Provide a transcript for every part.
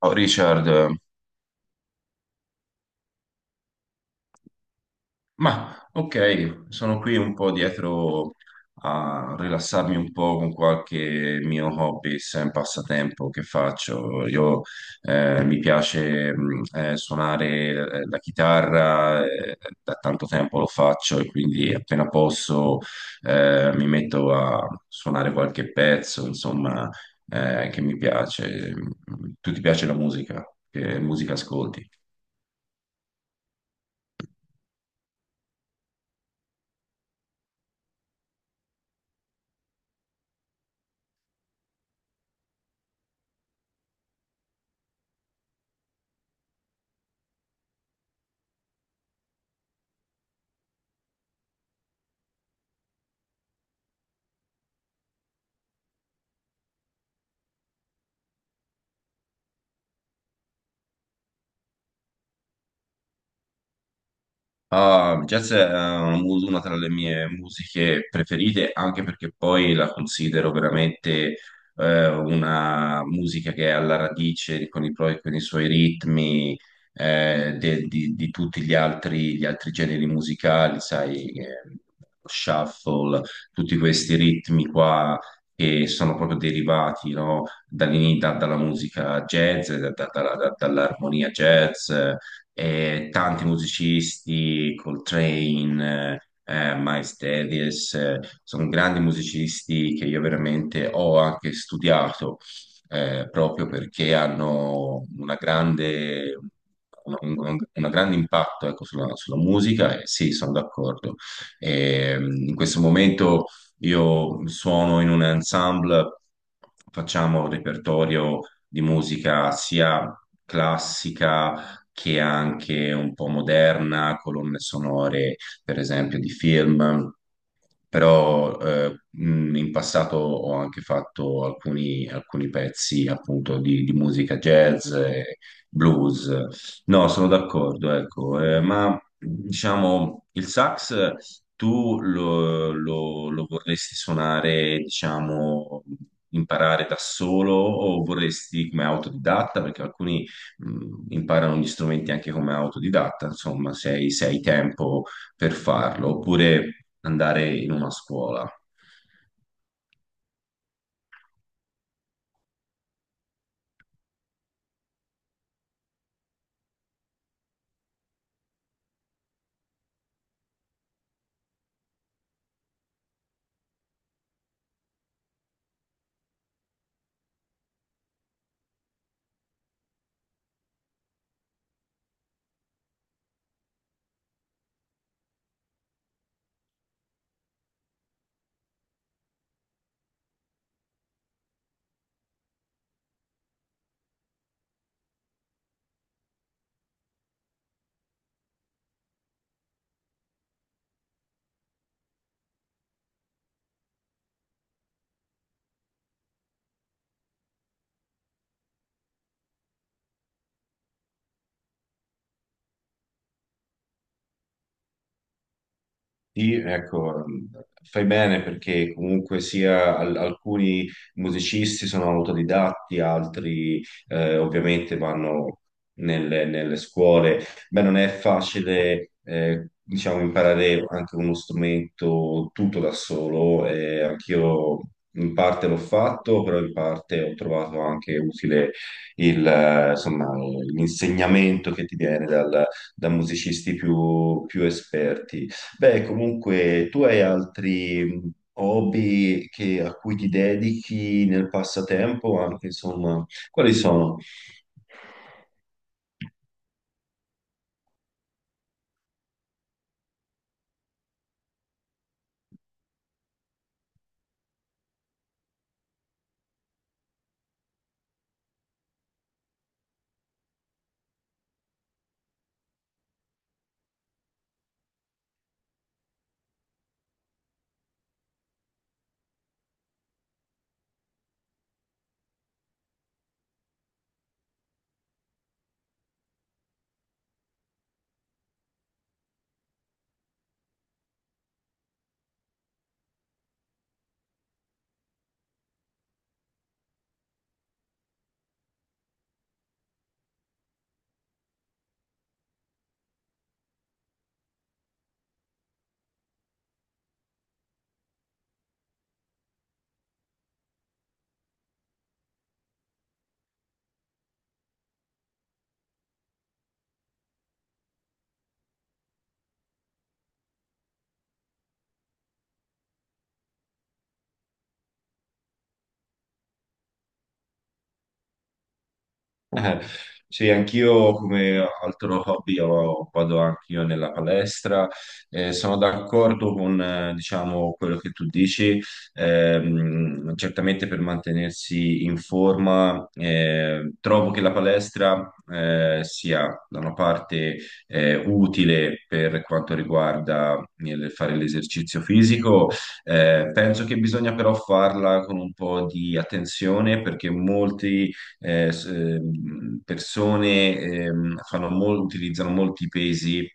Oh, Richard, ma ok, sono qui un po' dietro a rilassarmi un po' con qualche mio hobby, sem passatempo che faccio. Io mi piace suonare la chitarra, da tanto tempo lo faccio e quindi appena posso mi metto a suonare qualche pezzo, insomma, che mi piace. Tu ti piace la musica? Che musica ascolti? Ah, jazz è una tra le mie musiche preferite, anche perché poi la considero veramente una musica che è alla radice con con i suoi ritmi di tutti gli altri generi musicali, sai, shuffle, tutti questi ritmi qua che sono proprio derivati, no, dalla musica jazz, dall'armonia jazz. Tanti musicisti, Coltrane, Miles Davis, sono grandi musicisti che io veramente ho anche studiato, proprio perché hanno una grande, un grande impatto, ecco, sulla, sulla musica, e sì, sono d'accordo. In questo momento io suono in un ensemble, facciamo un repertorio di musica sia classica, che è anche un po' moderna, colonne sonore, per esempio, di film. Però in passato ho anche fatto alcuni, alcuni pezzi appunto di musica jazz, e blues. No, sono d'accordo, ecco, ma diciamo il sax tu lo vorresti suonare, diciamo, imparare da solo o vorresti come autodidatta? Perché alcuni imparano gli strumenti anche come autodidatta, insomma, se hai, se hai tempo per farlo, oppure andare in una scuola. Sì, ecco, fai bene perché comunque sia alcuni musicisti sono autodidatti, altri ovviamente vanno nelle, nelle scuole. Beh, non è facile, diciamo, imparare anche uno strumento tutto da solo. Anch'io in parte l'ho fatto, però in parte ho trovato anche utile insomma, l'insegnamento che ti viene da musicisti più esperti. Beh, comunque, tu hai altri hobby a cui ti dedichi nel passatempo, anche insomma, quali sono? Eh, Sì, anch'io come altro hobby vado anch'io nella palestra. Sono d'accordo con, diciamo, quello che tu dici. Certamente per mantenersi in forma, trovo che la palestra, sia da una parte, utile per quanto riguarda il fare l'esercizio fisico. Penso che bisogna però farla con un po' di attenzione perché molti persone fanno utilizzano molti pesi,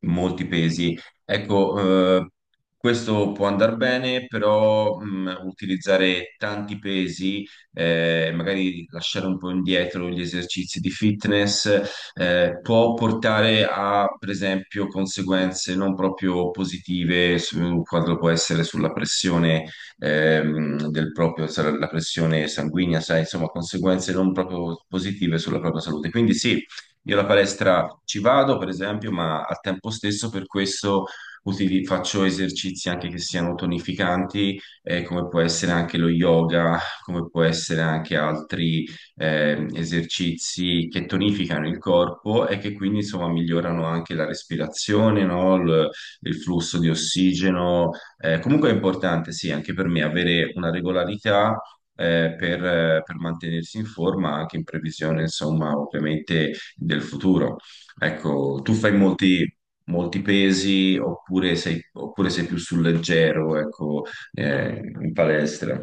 molti pesi. Ecco, questo può andare bene, però utilizzare tanti pesi, magari lasciare un po' indietro gli esercizi di fitness, può portare a, per esempio, conseguenze non proprio positive su quanto può essere sulla pressione del proprio, sarà la pressione sanguigna, sai, insomma, conseguenze non proprio positive sulla propria salute. Quindi sì, io alla palestra ci vado, per esempio, ma al tempo stesso per questo faccio esercizi anche che siano tonificanti, come può essere anche lo yoga, come può essere anche altri esercizi che tonificano il corpo e che quindi insomma migliorano anche la respirazione, no? Il flusso di ossigeno, comunque è importante, sì, anche per me avere una regolarità per mantenersi in forma anche in previsione, insomma, ovviamente del futuro. Ecco, tu fai molti, molti pesi oppure sei più sul leggero, ecco, in palestra?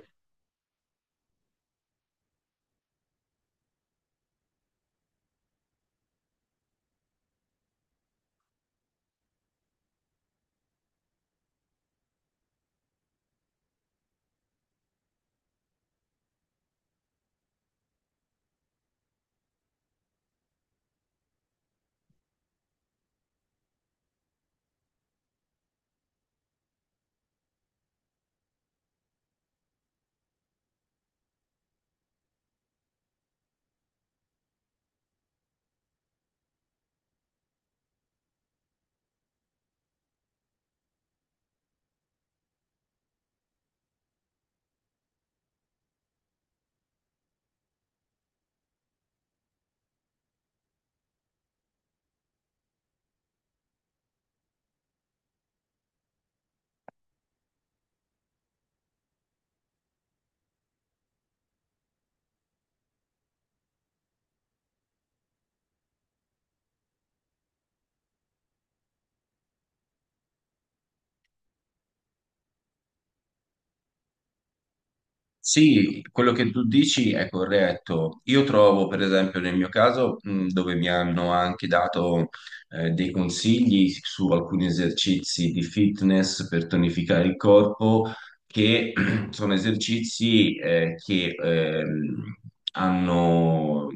Sì, quello che tu dici è corretto. Io trovo, per esempio, nel mio caso, dove mi hanno anche dato dei consigli su alcuni esercizi di fitness per tonificare il corpo, che sono esercizi che hanno,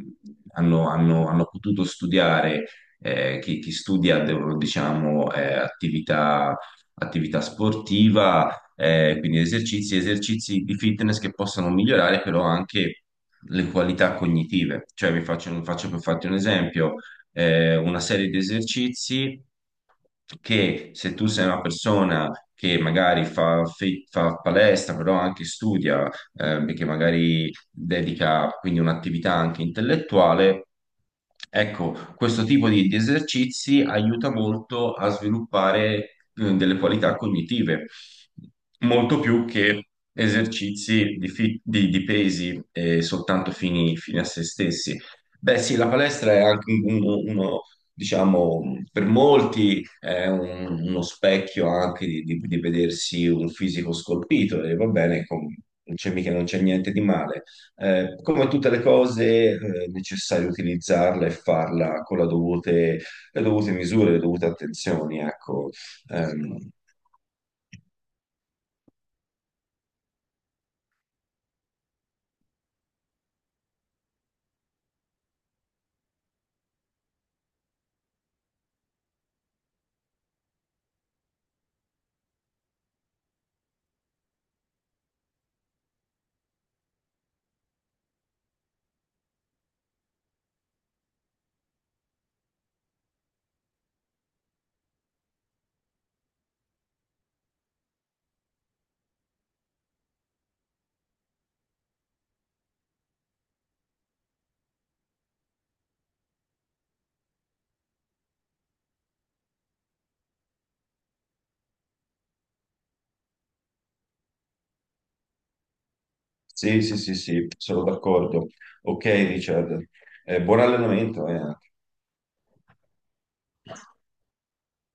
hanno potuto studiare, chi, chi studia, diciamo, attività attività sportiva quindi esercizi, esercizi di fitness che possano migliorare però anche le qualità cognitive. Cioè, vi faccio, faccio per farti un esempio, una serie di esercizi che se tu sei una persona che magari fa, fa palestra, però anche studia, che magari dedica quindi un'attività anche intellettuale, ecco, questo tipo di esercizi aiuta molto a sviluppare delle qualità cognitive, molto più che esercizi di pesi soltanto fini, fini a se stessi. Beh, sì, la palestra è anche uno, uno, diciamo, per molti è uno specchio anche di vedersi un fisico scolpito e va bene, non c'è mica non c'è niente di male. Come tutte le cose, è necessario utilizzarla e farla con la dovute, le dovute misure, le dovute attenzioni, ecco. Ehm, sì, sì, sì, sì, sono d'accordo. Ok, Richard, eh, buon allenamento, eh.